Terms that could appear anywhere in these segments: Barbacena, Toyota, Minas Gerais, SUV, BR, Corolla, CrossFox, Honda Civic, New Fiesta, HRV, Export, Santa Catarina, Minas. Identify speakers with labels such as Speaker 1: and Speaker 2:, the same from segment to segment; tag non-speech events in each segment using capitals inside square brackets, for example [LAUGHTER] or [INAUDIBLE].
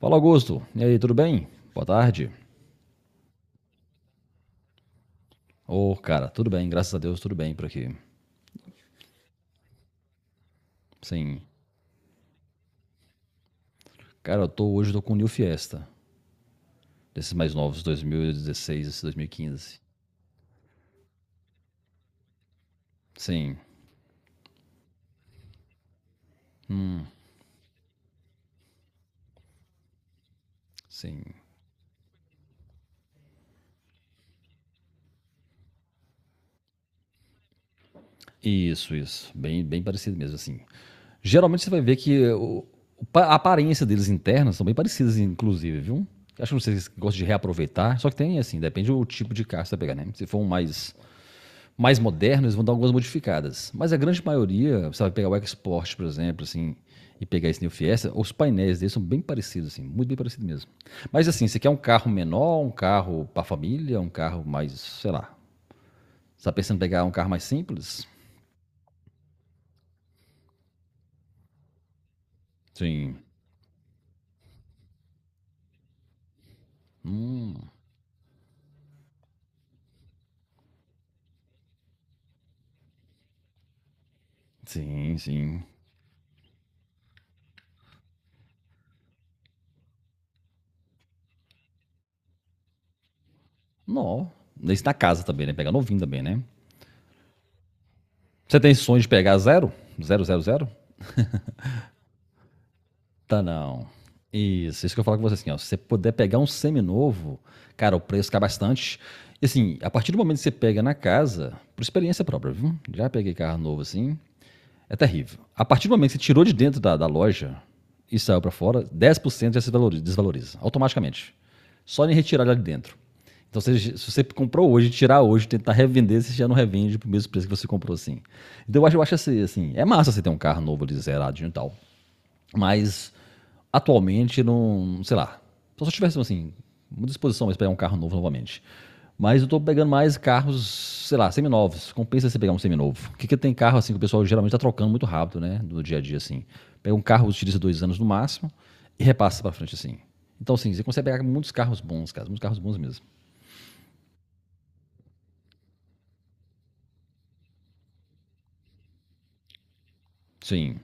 Speaker 1: Fala Augusto, e aí, tudo bem? Boa tarde. Ô, cara, tudo bem, graças a Deus, tudo bem por aqui. Sim, cara, eu tô, hoje eu tô com o New Fiesta, desses mais novos, 2016, esse 2015. Sim, sim. Isso, bem, bem parecido mesmo, assim. Geralmente você vai ver que a aparência deles internas são bem parecidas, inclusive, viu? Acho que vocês gostam de reaproveitar, só que tem, assim, depende do tipo de carro que você vai pegar, né? Se for um mais modernos, eles vão dar algumas modificadas. Mas a grande maioria, você vai pegar o Export, por exemplo, assim, e pegar esse New Fiesta, os painéis deles são bem parecidos, assim, muito bem parecidos mesmo. Mas assim, você quer um carro menor, um carro para família, um carro mais, sei lá. Você tá pensando em pegar um carro mais simples? Sim, sim, sim. Não. Isso na casa também, né? Pegar novinho também, né? Você tem sonho de pegar zero? Zero, zero, zero? Tá não. Isso que eu falo com você assim, ó, se você puder pegar um seminovo, cara, o preço cai bastante. E assim, a partir do momento que você pega na casa, por experiência própria, viu? Já peguei carro novo assim, é terrível. A partir do momento que você tirou de dentro da loja e saiu pra fora, 10% já se valoriza, desvaloriza, automaticamente. Só em retirar lá de dentro. Então, se você comprou hoje, tirar hoje, tentar revender, você já não revende pro mesmo preço que você comprou assim. Então, eu acho assim, assim, é massa você ter um carro novo ali zeradinho e tal. Mas atualmente não, sei lá. Só se eu tivesse assim, uma disposição para pegar um carro novo novamente. Mas eu tô pegando mais carros, sei lá, seminovos. Compensa você pegar um seminovo. Porque que tem carro assim que o pessoal geralmente tá trocando muito rápido, né? No dia a dia, assim. Pega um carro, utiliza dois anos no máximo e repassa para frente, assim. Então, assim, você consegue pegar muitos carros bons, cara. Muitos carros bons mesmo. Sim.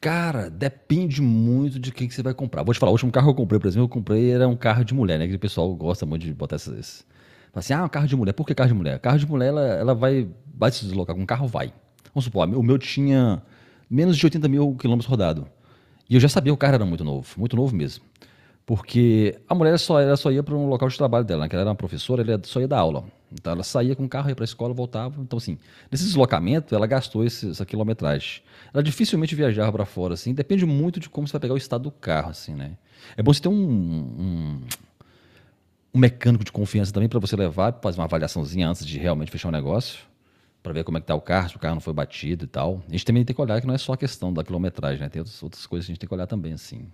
Speaker 1: Cara, depende muito de quem que você vai comprar. Vou te falar, o último carro que eu comprei, por exemplo, eu comprei era um carro de mulher, né? Que o pessoal gosta muito de botar esses. Fala assim, ah, um carro de mulher. Por que carro de mulher? Carro de mulher, ela vai, vai se deslocar. Com um carro, vai. Vamos supor, o meu tinha menos de 80 mil quilômetros rodado. E eu já sabia que o carro era muito novo mesmo. Porque a mulher só, ela só ia para um local de trabalho dela, né? Ela era uma professora, ela só ia dar aula. Então ela saía com o carro, ia para a escola, voltava. Então, assim, nesse deslocamento, ela gastou essa quilometragem. Ela dificilmente viajava para fora, assim. Depende muito de como você vai pegar o estado do carro, assim, né? É bom você ter um mecânico de confiança também para você levar, para fazer uma avaliaçãozinha antes de realmente fechar o negócio. Para ver como é que tá o carro, se o carro não foi batido e tal. A gente também tem que olhar que não é só a questão da quilometragem, né? Tem outras, outras coisas que a gente tem que olhar também, assim.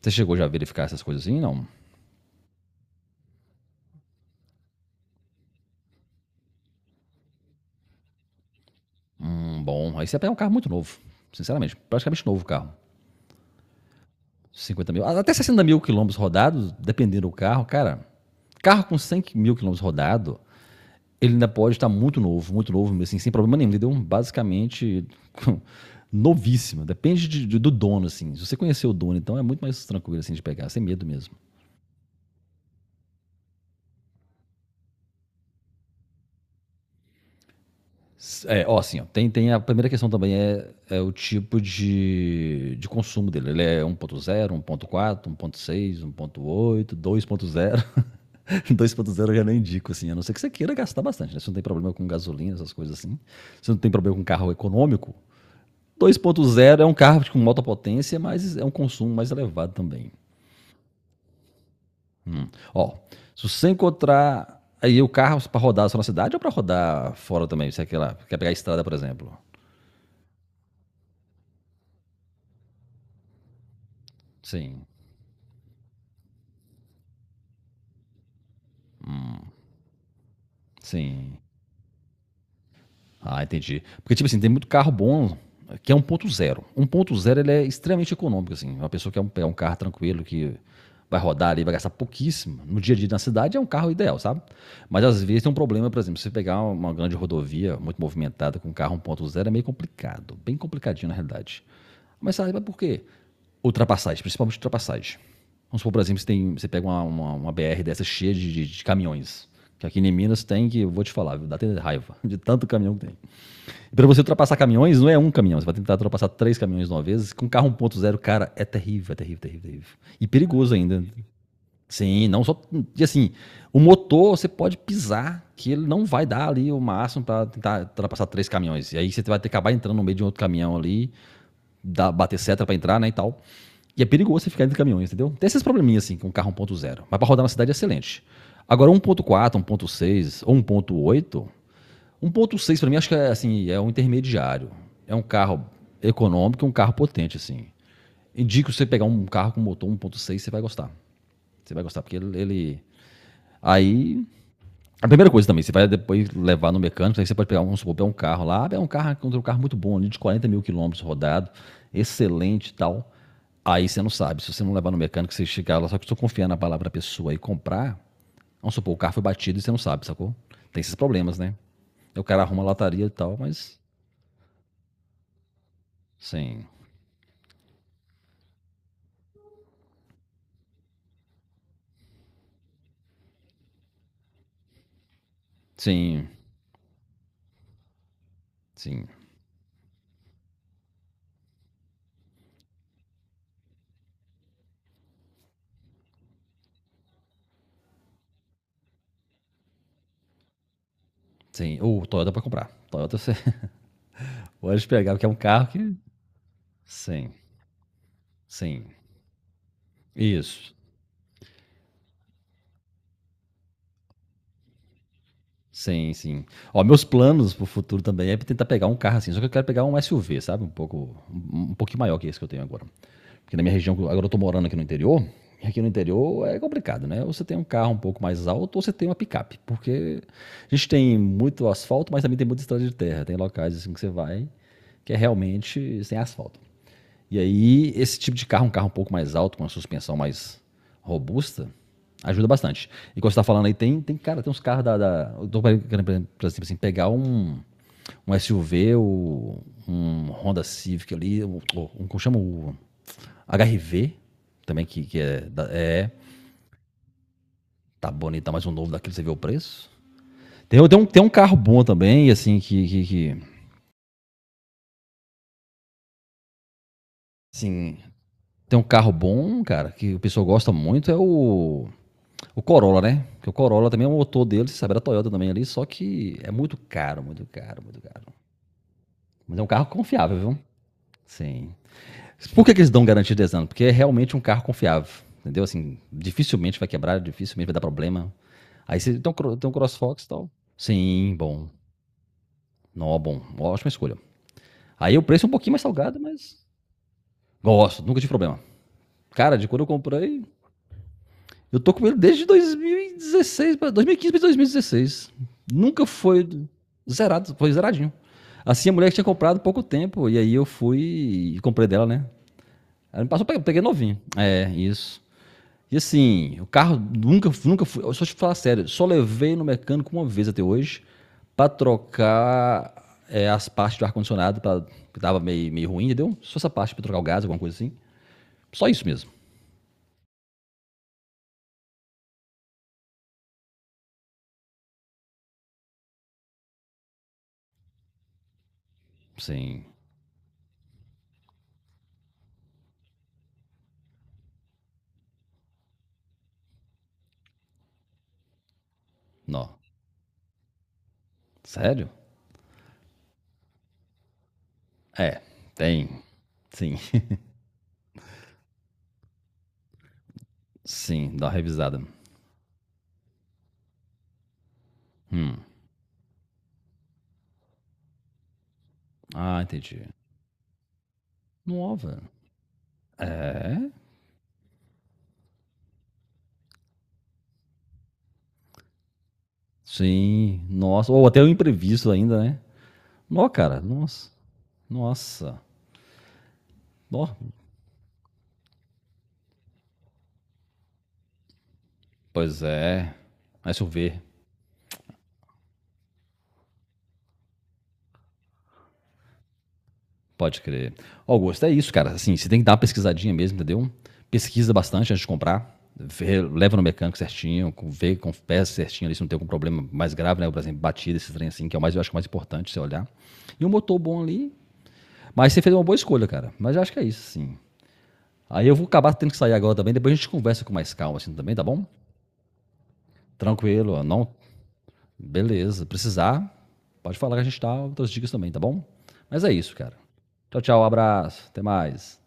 Speaker 1: Você chegou já a verificar essas coisas assim? Não. Bom, aí você pega um carro muito novo, sinceramente, praticamente novo o carro. 50 mil, até 60 mil quilômetros rodados, dependendo do carro, cara. Carro com 100 mil quilômetros rodado, ele ainda pode estar muito novo, assim, sem problema nenhum, entendeu? Basicamente, [LAUGHS] novíssimo. Depende do dono, assim. Se você conhecer o dono, então é muito mais tranquilo, assim, de pegar, sem medo mesmo. É, ó, assim, ó, tem a primeira questão também é, é o tipo de consumo dele. Ele é 1.0, 1.4, 1.6, 1.8, 2.0. 2.0 [LAUGHS] eu já nem indico, assim, a não ser que você queira gastar bastante, né? Você não tem problema com gasolina, essas coisas assim. Você não tem problema com carro econômico. 2.0 é um carro com alta potência, mas é um consumo mais elevado também. Hum. Ó, se você encontrar aí o carro para rodar só na cidade ou para rodar fora também, se é aquela, quer pegar a estrada, por exemplo. Sim. Sim. Ah, entendi. Porque, tipo assim, tem muito carro bom que é um um ponto zero ele é extremamente econômico, assim. Uma pessoa que quer pegar um carro tranquilo, que vai rodar ali, vai gastar pouquíssimo. No dia a dia na cidade é um carro ideal, sabe? Mas às vezes tem um problema, por exemplo, se você pegar uma grande rodovia muito movimentada com um carro um ponto zero é meio complicado. Bem complicadinho, na realidade. Mas sabe por quê? Ultrapassagem, principalmente ultrapassagem. Vamos supor, por exemplo, você pega uma BR dessa cheia de caminhões. Que aqui em Minas tem que, eu vou te falar, viu, dá até raiva de tanto caminhão que tem. E pra você ultrapassar caminhões, não é um caminhão. Você vai tentar ultrapassar três caminhões de uma vez. Com carro 1.0, cara, é terrível, terrível, terrível. E perigoso ainda. Sim, não só. E assim, o motor você pode pisar, que ele não vai dar ali o máximo para tentar ultrapassar três caminhões. E aí você vai ter que acabar entrando no meio de um outro caminhão ali, dar, bater seta para entrar, né? E tal. E é perigoso você ficar entre caminhões, entendeu? Tem esses probleminhas assim com um carro 1.0. Mas para rodar na cidade é excelente. Agora 1.4, 1.6 ou 1.8. 1.6 para mim acho que é assim, é um intermediário. É um carro econômico, um carro potente assim. Indico você pegar um carro com motor 1.6, você vai gostar. Você vai gostar porque ele Aí, a primeira coisa também, você vai depois levar no mecânico, aí você pode pegar, um, vamos supor, pegar um carro lá, ah, um carro muito bom ali, de 40 mil quilômetros rodado, excelente e tal. Aí você não sabe, se você não levar no mecânico, você chegar lá, só que estou confiando na palavra da pessoa e comprar, vamos supor, o carro foi batido e você não sabe, sacou? Tem esses problemas, né? Aí o cara arruma a lataria e tal, mas sim, sim, sim, sim. Ou Toyota pra comprar. Toyota você [LAUGHS] pode pegar, porque é um carro que... Sim, sim, isso. Sim, sim. Ó, meus planos pro futuro também é tentar pegar um carro assim, só que eu quero pegar um SUV, sabe? Um pouco, um pouquinho maior que esse que eu tenho agora. Porque na minha região, agora eu tô morando aqui no interior, e aqui no interior é complicado, né? Ou você tem um carro um pouco mais alto, ou você tem uma picape, porque a gente tem muito asfalto, mas também tem muita estrada de terra, tem locais assim que você vai que é realmente sem asfalto. E aí, esse tipo de carro um pouco mais alto, com uma suspensão mais robusta, ajuda bastante. E quando você tá falando aí, tem cara, tem uns carros da eu tô querendo, por exemplo, tipo assim, pegar um, um SUV, ou um Honda Civic ali, um, como chama o HRV, também, que é, é. Tá bonito, mas um novo daquele, você vê o preço. Tem um carro bom também, assim, que assim, tem um carro bom, cara, que o pessoal gosta muito, é o. O Corolla, né? Porque o Corolla também é um motor dele, você sabe, da Toyota também ali, só que é muito caro, muito caro, muito caro. Mas é um carro confiável, viu? Sim. Por que eles dão garantia de 10 anos? Porque é realmente um carro confiável, entendeu? Assim, dificilmente vai quebrar, dificilmente vai dar problema. Aí você tem um CrossFox e tal. Sim, bom. Não, bom. Ótima escolha. Aí o preço é um pouquinho mais salgado, mas gosto, nunca tive problema. Cara, de quando eu comprei, eu tô com ele desde 2016, 2015 pra 2016. Nunca foi zerado, foi zeradinho. Assim, a mulher que tinha comprado há pouco tempo, e aí eu fui e comprei dela, né? Ela me passou, eu peguei novinho. É, isso. E assim, o carro nunca, nunca fui. Só te falar sério, só levei no mecânico uma vez até hoje pra trocar é, as partes do ar-condicionado, que tava meio, meio ruim, entendeu? Só essa parte pra trocar o gás, alguma coisa assim. Só isso mesmo. Sim, não. Sério? É, tem. Sim, sim, dá uma revisada. Hum. Ah, entendi. Nova. É? Sim, nossa. Ou até o imprevisto ainda, né? Nó, cara, nossa. Nossa. Nó. Pois é. Mas eu ver. Pode crer. Ó, Augusto, é isso, cara. Assim, você tem que dar uma pesquisadinha mesmo, entendeu? Pesquisa bastante antes de comprar. Vê, leva no mecânico certinho, vê com peça certinho ali se não tem algum problema mais grave, né? Por exemplo, batida, esse trem assim, que é o mais, eu acho que é o mais importante você olhar. E um motor bom ali, mas você fez uma boa escolha, cara. Mas eu acho que é isso, sim. Aí eu vou acabar tendo que sair agora também. Depois a gente conversa com mais calma, assim, também, tá bom? Tranquilo, não? Beleza. Precisar, pode falar que a gente dá outras dicas também, tá bom? Mas é isso, cara. Tchau, tchau. Abraço. Até mais.